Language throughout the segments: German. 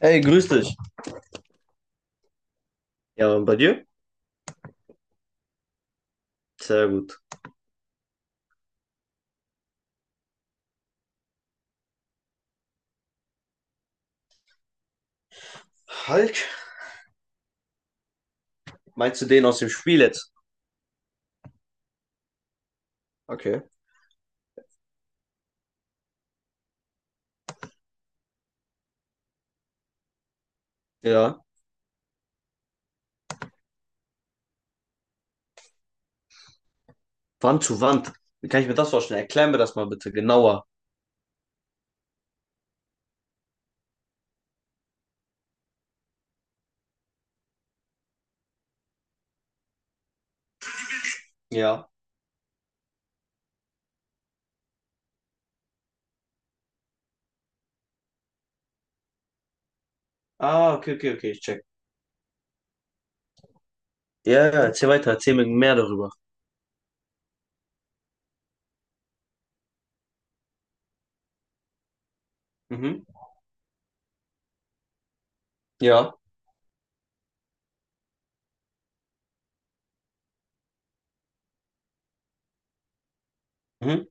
Hey, grüß dich. Ja, und bei dir? Sehr gut. Hulk? Meinst du den aus dem Spiel jetzt? Okay. Ja. Wand zu Wand. Wie kann ich mir das vorstellen? Erklär mir das mal bitte genauer. Ja. Ah, okay, okay, okay, ich check. Ja, ja, erzähl weiter, erzähl mir mehr darüber. Mhm. Ja. Mhm.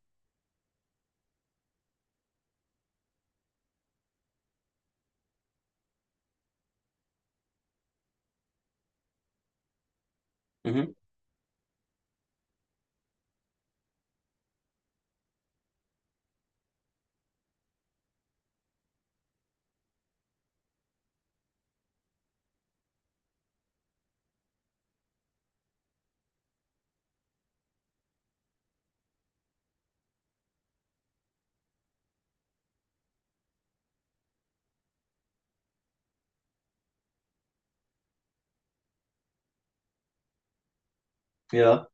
Mhm. Ja.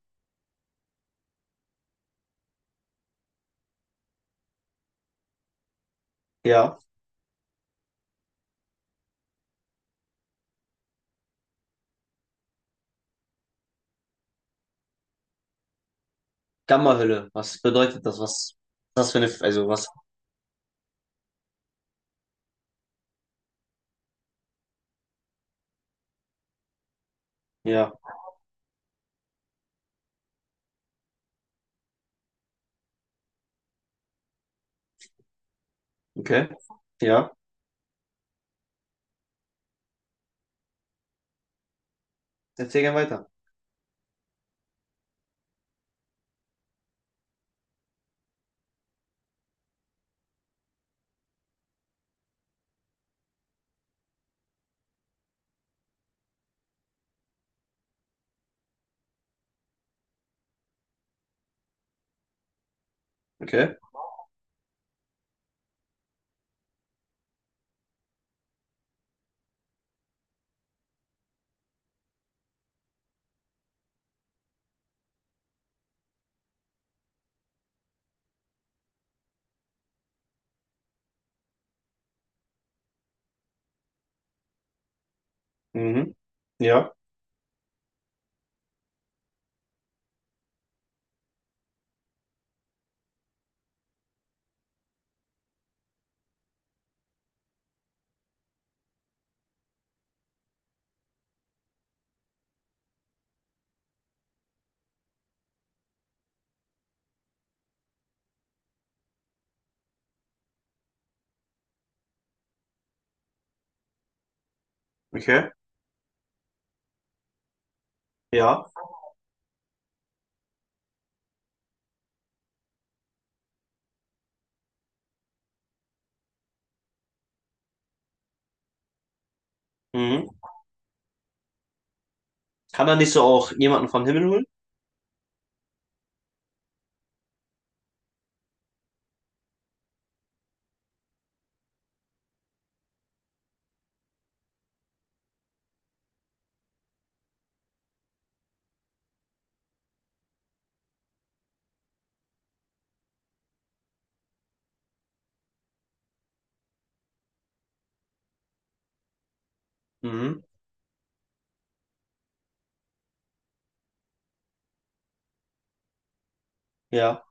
Ja. Gamma-Hülle. Was bedeutet das? Was ist das für eine, also was? Ja. Okay. Ja. Erzähl gerne weiter. Okay. Mhm. Ja. Okay. Ja. Mhm. Kann man nicht so auch jemanden vom Himmel holen? Mhm. Ja.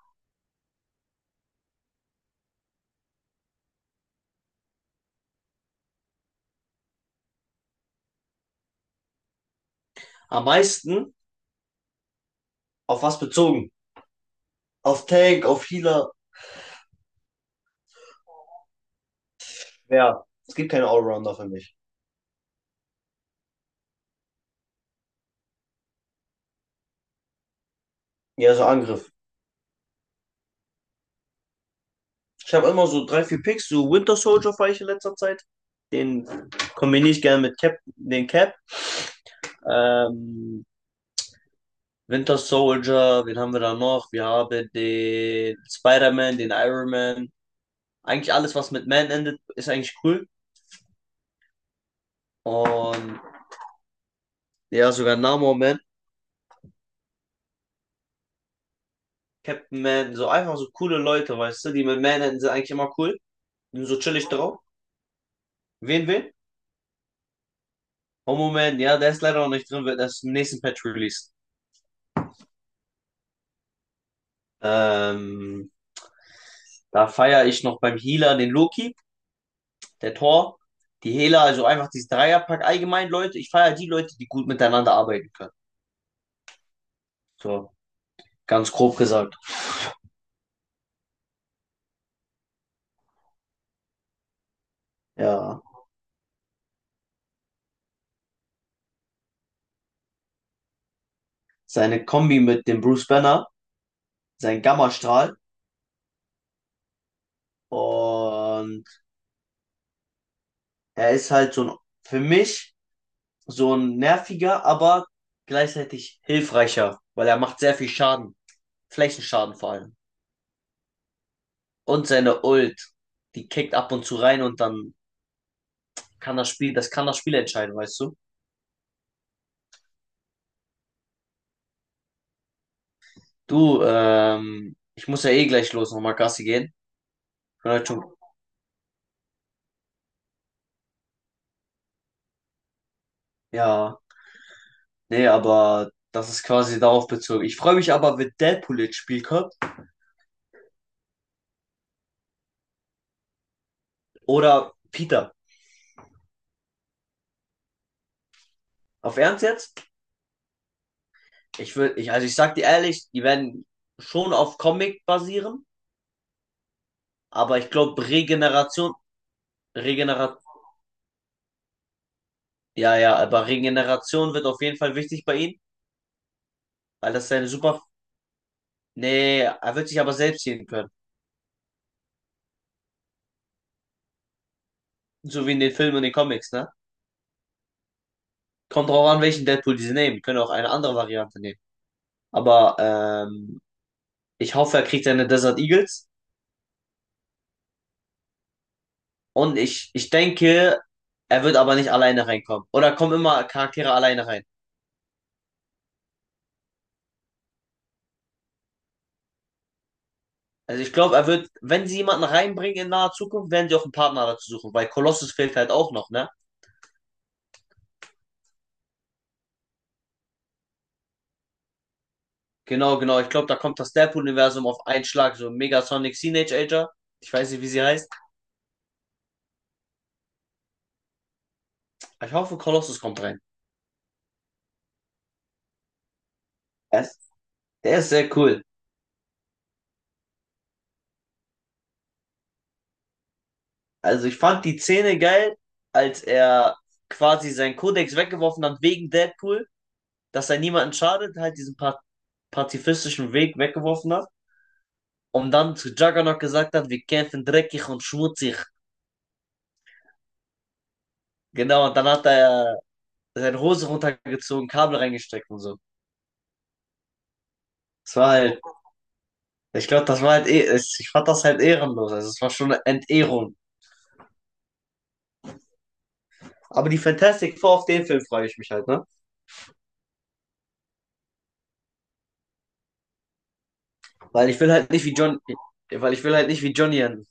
Am meisten auf was bezogen? Auf Tank, auf Healer. Ja, es gibt keine Allrounder für mich. Ja, so Angriff. Ich habe immer so drei, vier Picks. So Winter Soldier fahre ich in letzter Zeit. Den kombiniere ich gerne mit Cap, den Cap. Ähm, Winter Soldier, wen haben wir da noch? Wir haben den Spider-Man, den Iron Man. Eigentlich alles, was mit Man endet, ist eigentlich cool. Und ja, sogar Namor Man, Captain Man, so einfach so coole Leute, weißt du, die mit Man enden, sind eigentlich immer cool. Die sind so chillig drauf. Wen, wen? Oh, Moment, ja, der ist leider noch nicht drin, wird erst im nächsten Patch released. Ähm, da feiere ich noch beim Healer den Loki, der Thor, die Hela, also einfach dieses Dreierpack allgemein, Leute. Ich feiere die Leute, die gut miteinander arbeiten können. So, ganz grob gesagt. Ja, seine Kombi mit dem Bruce Banner, sein Gammastrahl und er ist halt so ein, für mich so ein nerviger, aber gleichzeitig hilfreicher, weil er macht sehr viel Schaden. Flächenschaden vor allem. Und seine Ult, die kickt ab und zu rein und dann kann das Spiel, das kann das Spiel entscheiden, weißt du? Du, ich muss ja eh gleich los, nochmal Gassi gehen. Vielleicht schon, ja, nee, aber das ist quasi darauf bezogen. Ich freue mich aber, wenn Deadpool ins Spiel kommt oder Peter. Auf Ernst jetzt? Also ich sag dir ehrlich, die werden schon auf Comic basieren, aber ich glaube Regeneration, Regeneration, ja, ja, aber Regeneration wird auf jeden Fall wichtig bei ihnen, weil das seine super. Nee, er wird sich aber selbst sehen können. So wie in den Filmen und den Comics, ne? Kommt drauf an, welchen Deadpool die sie nehmen. Die können auch eine andere Variante nehmen. Aber ich hoffe, er kriegt seine Desert Eagles. Und ich denke, er wird aber nicht alleine reinkommen. Oder kommen immer Charaktere alleine rein. Also ich glaube, er wird, wenn sie jemanden reinbringen in naher Zukunft, werden sie auch einen Partner dazu suchen. Weil Colossus fehlt halt auch noch, ne? Genau, genau. Ich glaube, da kommt das Deadpool-Universum auf einen Schlag. So Megasonic Teenage Ager. Ich weiß nicht, wie sie heißt. Ich hoffe, Colossus kommt rein. Er ist- Der ist sehr cool. Also ich fand die Szene geil, als er quasi seinen Kodex weggeworfen hat wegen Deadpool, dass er niemanden schadet, halt diesen pa pazifistischen Weg weggeworfen hat und dann zu Juggernaut gesagt hat, wir kämpfen dreckig und schmutzig. Genau, und dann hat er seine Hose runtergezogen, Kabel reingesteckt und so. Das war halt, ich glaube, das war halt, ich fand das halt ehrenlos. Also es war schon eine Entehrung. Aber die Fantastic Four auf den Film freue ich mich halt, ne? Weil ich will halt nicht wie John, weil ich will halt nicht wie Johnny enden.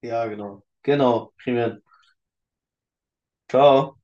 Ja, genau. Genau, prima. Ciao.